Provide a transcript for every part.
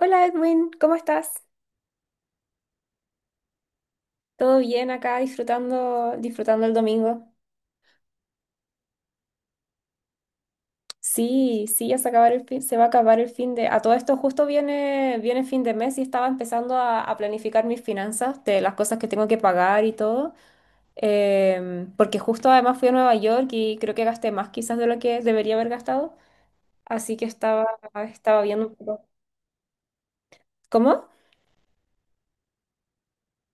Hola Edwin, ¿cómo estás? ¿Todo bien acá disfrutando el domingo? Sí, sí, ya se acabar el fin, se va a acabar el fin de... A todo esto justo viene fin de mes y estaba empezando a planificar mis finanzas, de las cosas que tengo que pagar y todo, porque justo además fui a Nueva York y creo que gasté más quizás de lo que debería haber gastado, así que estaba viendo un poco. ¿Cómo?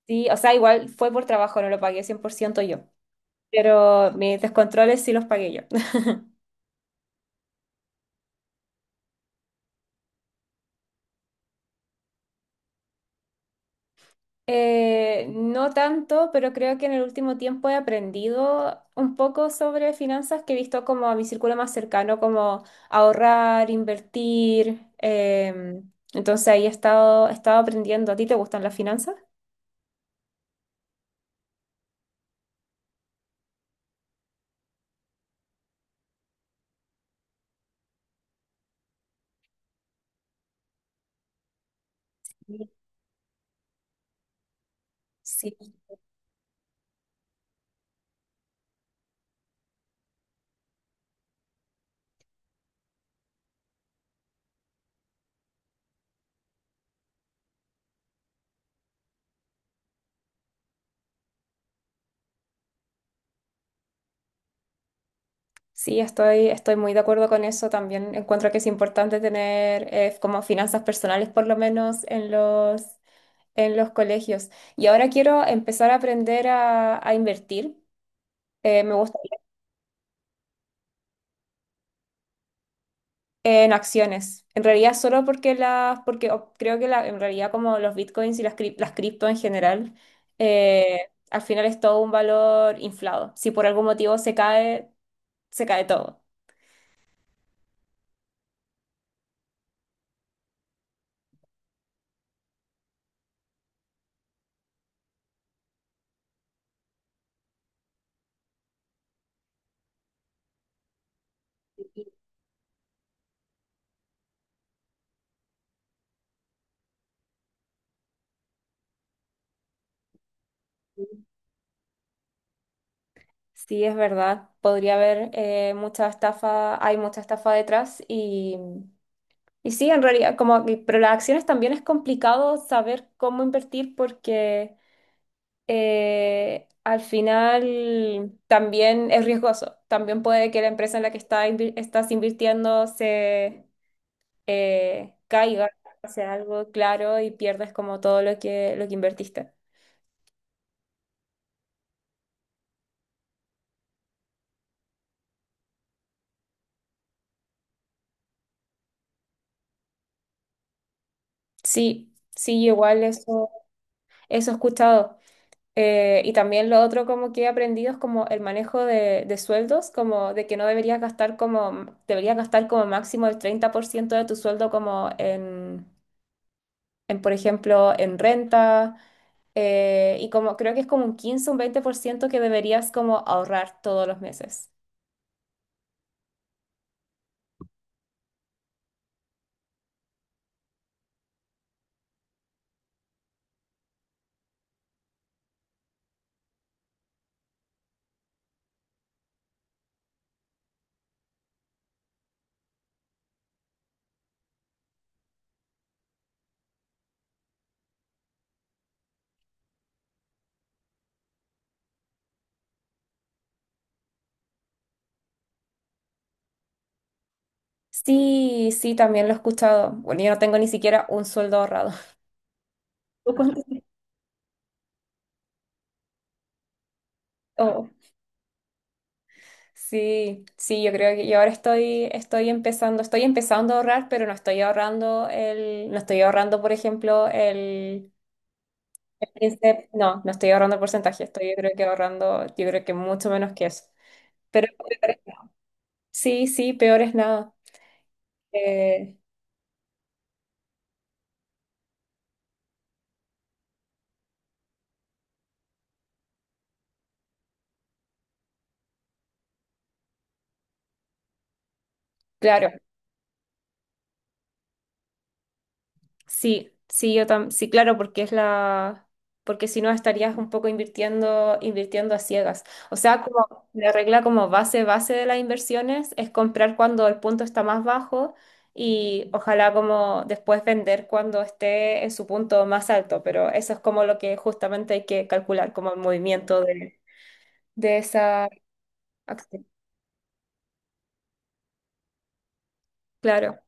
Sí, o sea, igual fue por trabajo, no lo pagué 100% yo, pero mis descontroles sí los pagué yo. No tanto, pero creo que en el último tiempo he aprendido un poco sobre finanzas que he visto como a mi círculo más cercano, como ahorrar, invertir. Entonces ahí he estado aprendiendo. ¿A ti te gustan las finanzas? Sí, sí, estoy muy de acuerdo con eso. También encuentro que es importante tener como finanzas personales, por lo menos en en los colegios. Y ahora quiero empezar a aprender a invertir. Me En acciones. En realidad solo porque creo que en realidad como los bitcoins y las cripto en general, al final es todo un valor inflado. Si por algún motivo se cae todo. Sí, es verdad. Podría haber mucha estafa, hay mucha estafa detrás y sí, en realidad, pero las acciones también es complicado saber cómo invertir porque... al final también es riesgoso. También puede que la empresa en la que estás invirtiendo se caiga, sea algo claro y pierdes como todo lo lo que invertiste. Sí, sí, igual eso, eso he escuchado. Y también lo otro como que he aprendido es como el manejo de sueldos, como de que no deberías gastar como, deberías gastar como máximo el 30% de tu sueldo como en, por ejemplo, en renta y como creo que es como un 15 o un 20% que deberías como ahorrar todos los meses. Sí, sí, también lo he escuchado. Bueno, yo no tengo ni siquiera un sueldo ahorrado. ¿Tú cuánto tienes? Oh, sí, sí, yo creo que yo ahora estoy empezando a ahorrar, pero no estoy ahorrando no estoy ahorrando, por ejemplo, el 15, no, no estoy ahorrando el porcentaje, estoy yo creo que ahorrando, yo creo que mucho menos que eso. Pero sí, sí, peor es nada. Eh, claro, sí, sí, yo tam sí, claro, porque porque si no estarías un poco invirtiendo a ciegas. O sea, como la regla como base, base de las inversiones es comprar cuando el punto está más bajo y ojalá como después vender cuando esté en su punto más alto, pero eso es como lo que justamente hay que calcular, como el movimiento de esa acción. Claro,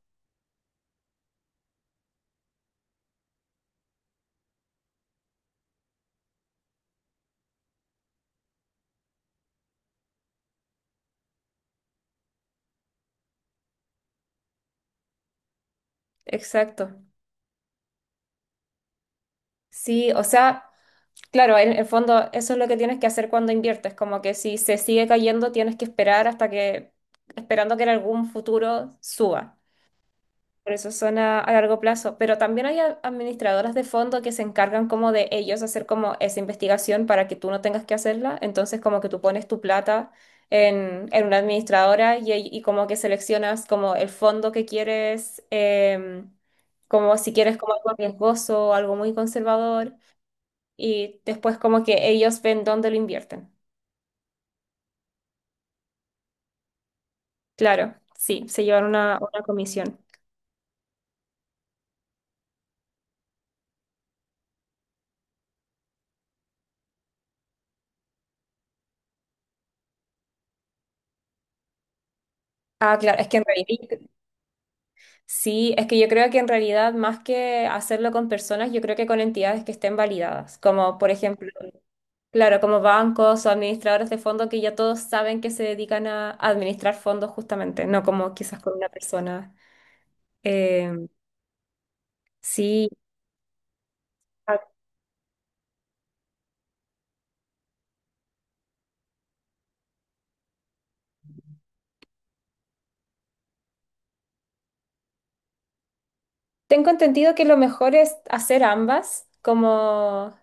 exacto. Sí, o sea. Claro, en el fondo eso es lo que tienes que hacer cuando inviertes, como que si se sigue cayendo tienes que esperar hasta que, esperando que en algún futuro suba. Por eso son a largo plazo. Pero también hay administradoras de fondo que se encargan como de ellos hacer como esa investigación para que tú no tengas que hacerla. Entonces como que tú pones tu plata en una administradora y, y como que seleccionas como el fondo que quieres, como si quieres como algo riesgoso o algo muy conservador y después como que ellos ven dónde lo invierten. Claro, sí, se llevan una comisión. Ah, claro, es que en realidad, sí, es que yo creo que en realidad más que hacerlo con personas, yo creo que con entidades que estén validadas, como por ejemplo, claro, como bancos o administradores de fondos que ya todos saben que se dedican a administrar fondos justamente, no como quizás con una persona. Eh, sí, ah, tengo entendido que lo mejor es hacer ambas, como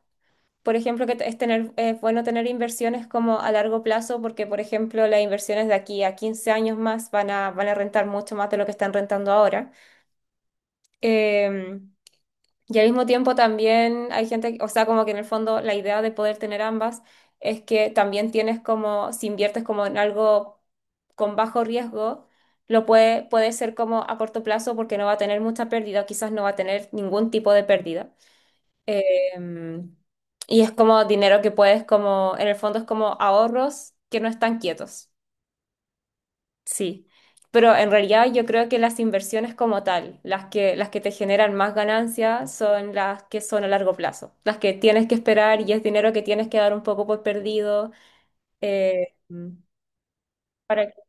por ejemplo, que es tener, es bueno tener inversiones como a largo plazo, porque, por ejemplo, las inversiones de aquí a 15 años más van van a rentar mucho más de lo que están rentando ahora. Eh, y al mismo tiempo también hay gente, o sea, como que en el fondo la idea de poder tener ambas es que también tienes como, si inviertes como en algo con bajo riesgo, lo puede ser como a corto plazo porque no va a tener mucha pérdida, o quizás no va a tener ningún tipo de pérdida. Em, y es como dinero que puedes como, en el fondo es como ahorros que no están quietos. Sí. Pero en realidad yo creo que las inversiones como tal, las que te generan más ganancias son las que son a largo plazo, las que tienes que esperar y es dinero que tienes que dar un poco por perdido eh, para que-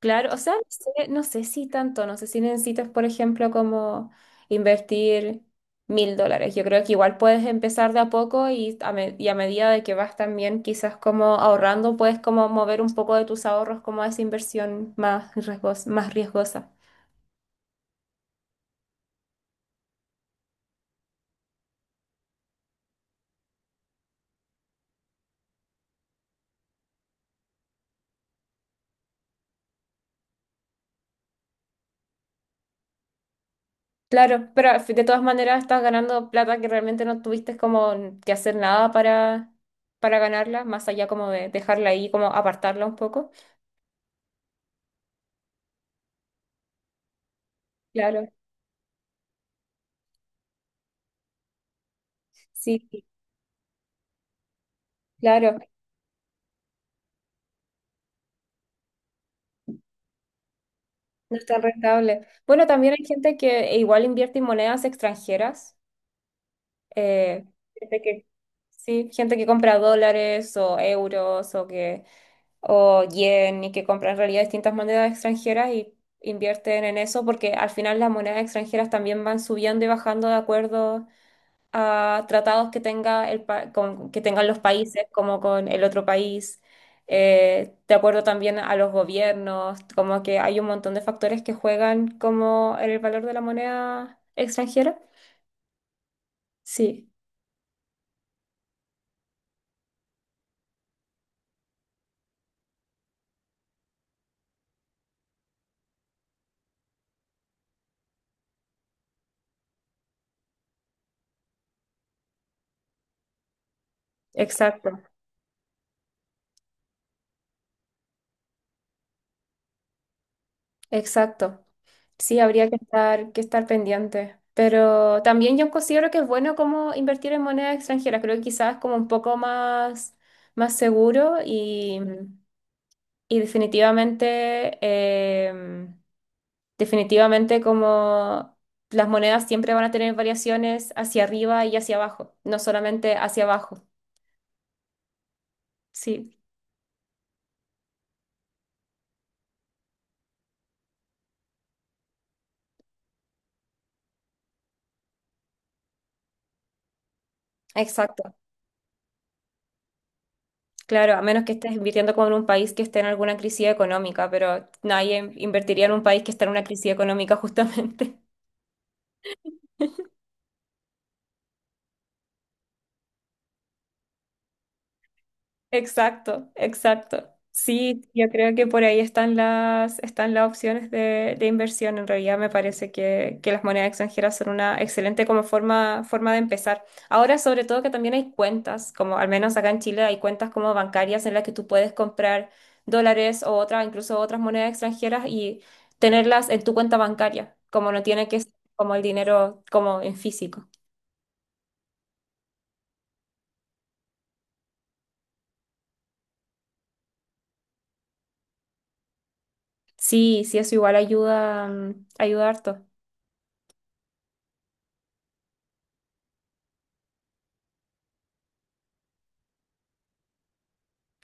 claro, o sea, no sé, no sé si tanto, no sé si necesitas, por ejemplo, como invertir mil dólares. Yo creo que igual puedes empezar de a poco y y a medida de que vas también quizás como ahorrando, puedes como mover un poco de tus ahorros como a esa más riesgosa. Claro, pero de todas maneras estás ganando plata que realmente no tuviste como que hacer nada para, para ganarla, más allá como de dejarla ahí, como apartarla un poco. Claro, sí, claro. No es tan rentable. Bueno, también hay gente que igual invierte en monedas extranjeras. eh, gente que, sí, gente que compra dólares o euros o que o yen y que compra en realidad distintas monedas extranjeras y invierten en eso porque al final las monedas extranjeras también van subiendo y bajando de acuerdo a tratados que tenga que tengan los países como con el otro país, de acuerdo también a los gobiernos, como que hay un montón de factores que juegan como en el valor de la moneda extranjera. Sí, exacto, exacto. Sí, habría que estar pendiente. Pero también yo considero que es bueno como invertir en monedas extranjeras. Creo que quizás es como un poco más, más seguro y definitivamente definitivamente como las monedas siempre van a tener variaciones hacia arriba y hacia abajo, no solamente hacia abajo. Sí, exacto. Claro, a menos que estés invirtiendo con un país que esté en alguna crisis económica, pero nadie invertiría en un país que está en una crisis económica justamente. Exacto, exacto. Sí, yo creo que por ahí están están las opciones de inversión. En realidad me parece que las monedas extranjeras son una excelente como forma de empezar. Ahora, sobre todo que también hay cuentas, como al menos acá en Chile hay cuentas como bancarias en las que tú puedes comprar dólares o otras, incluso otras monedas extranjeras y tenerlas en tu cuenta bancaria, como no tiene que ser como el dinero como en físico. Sí, sí, eso igual ayuda, ayuda harto.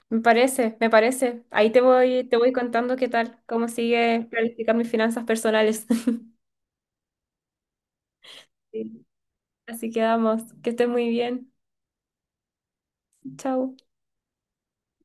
Me parece, me parece. Ahí te voy contando qué tal, cómo sigue planificar mis finanzas personales. Sí. Así quedamos. Que estés muy bien. Chao.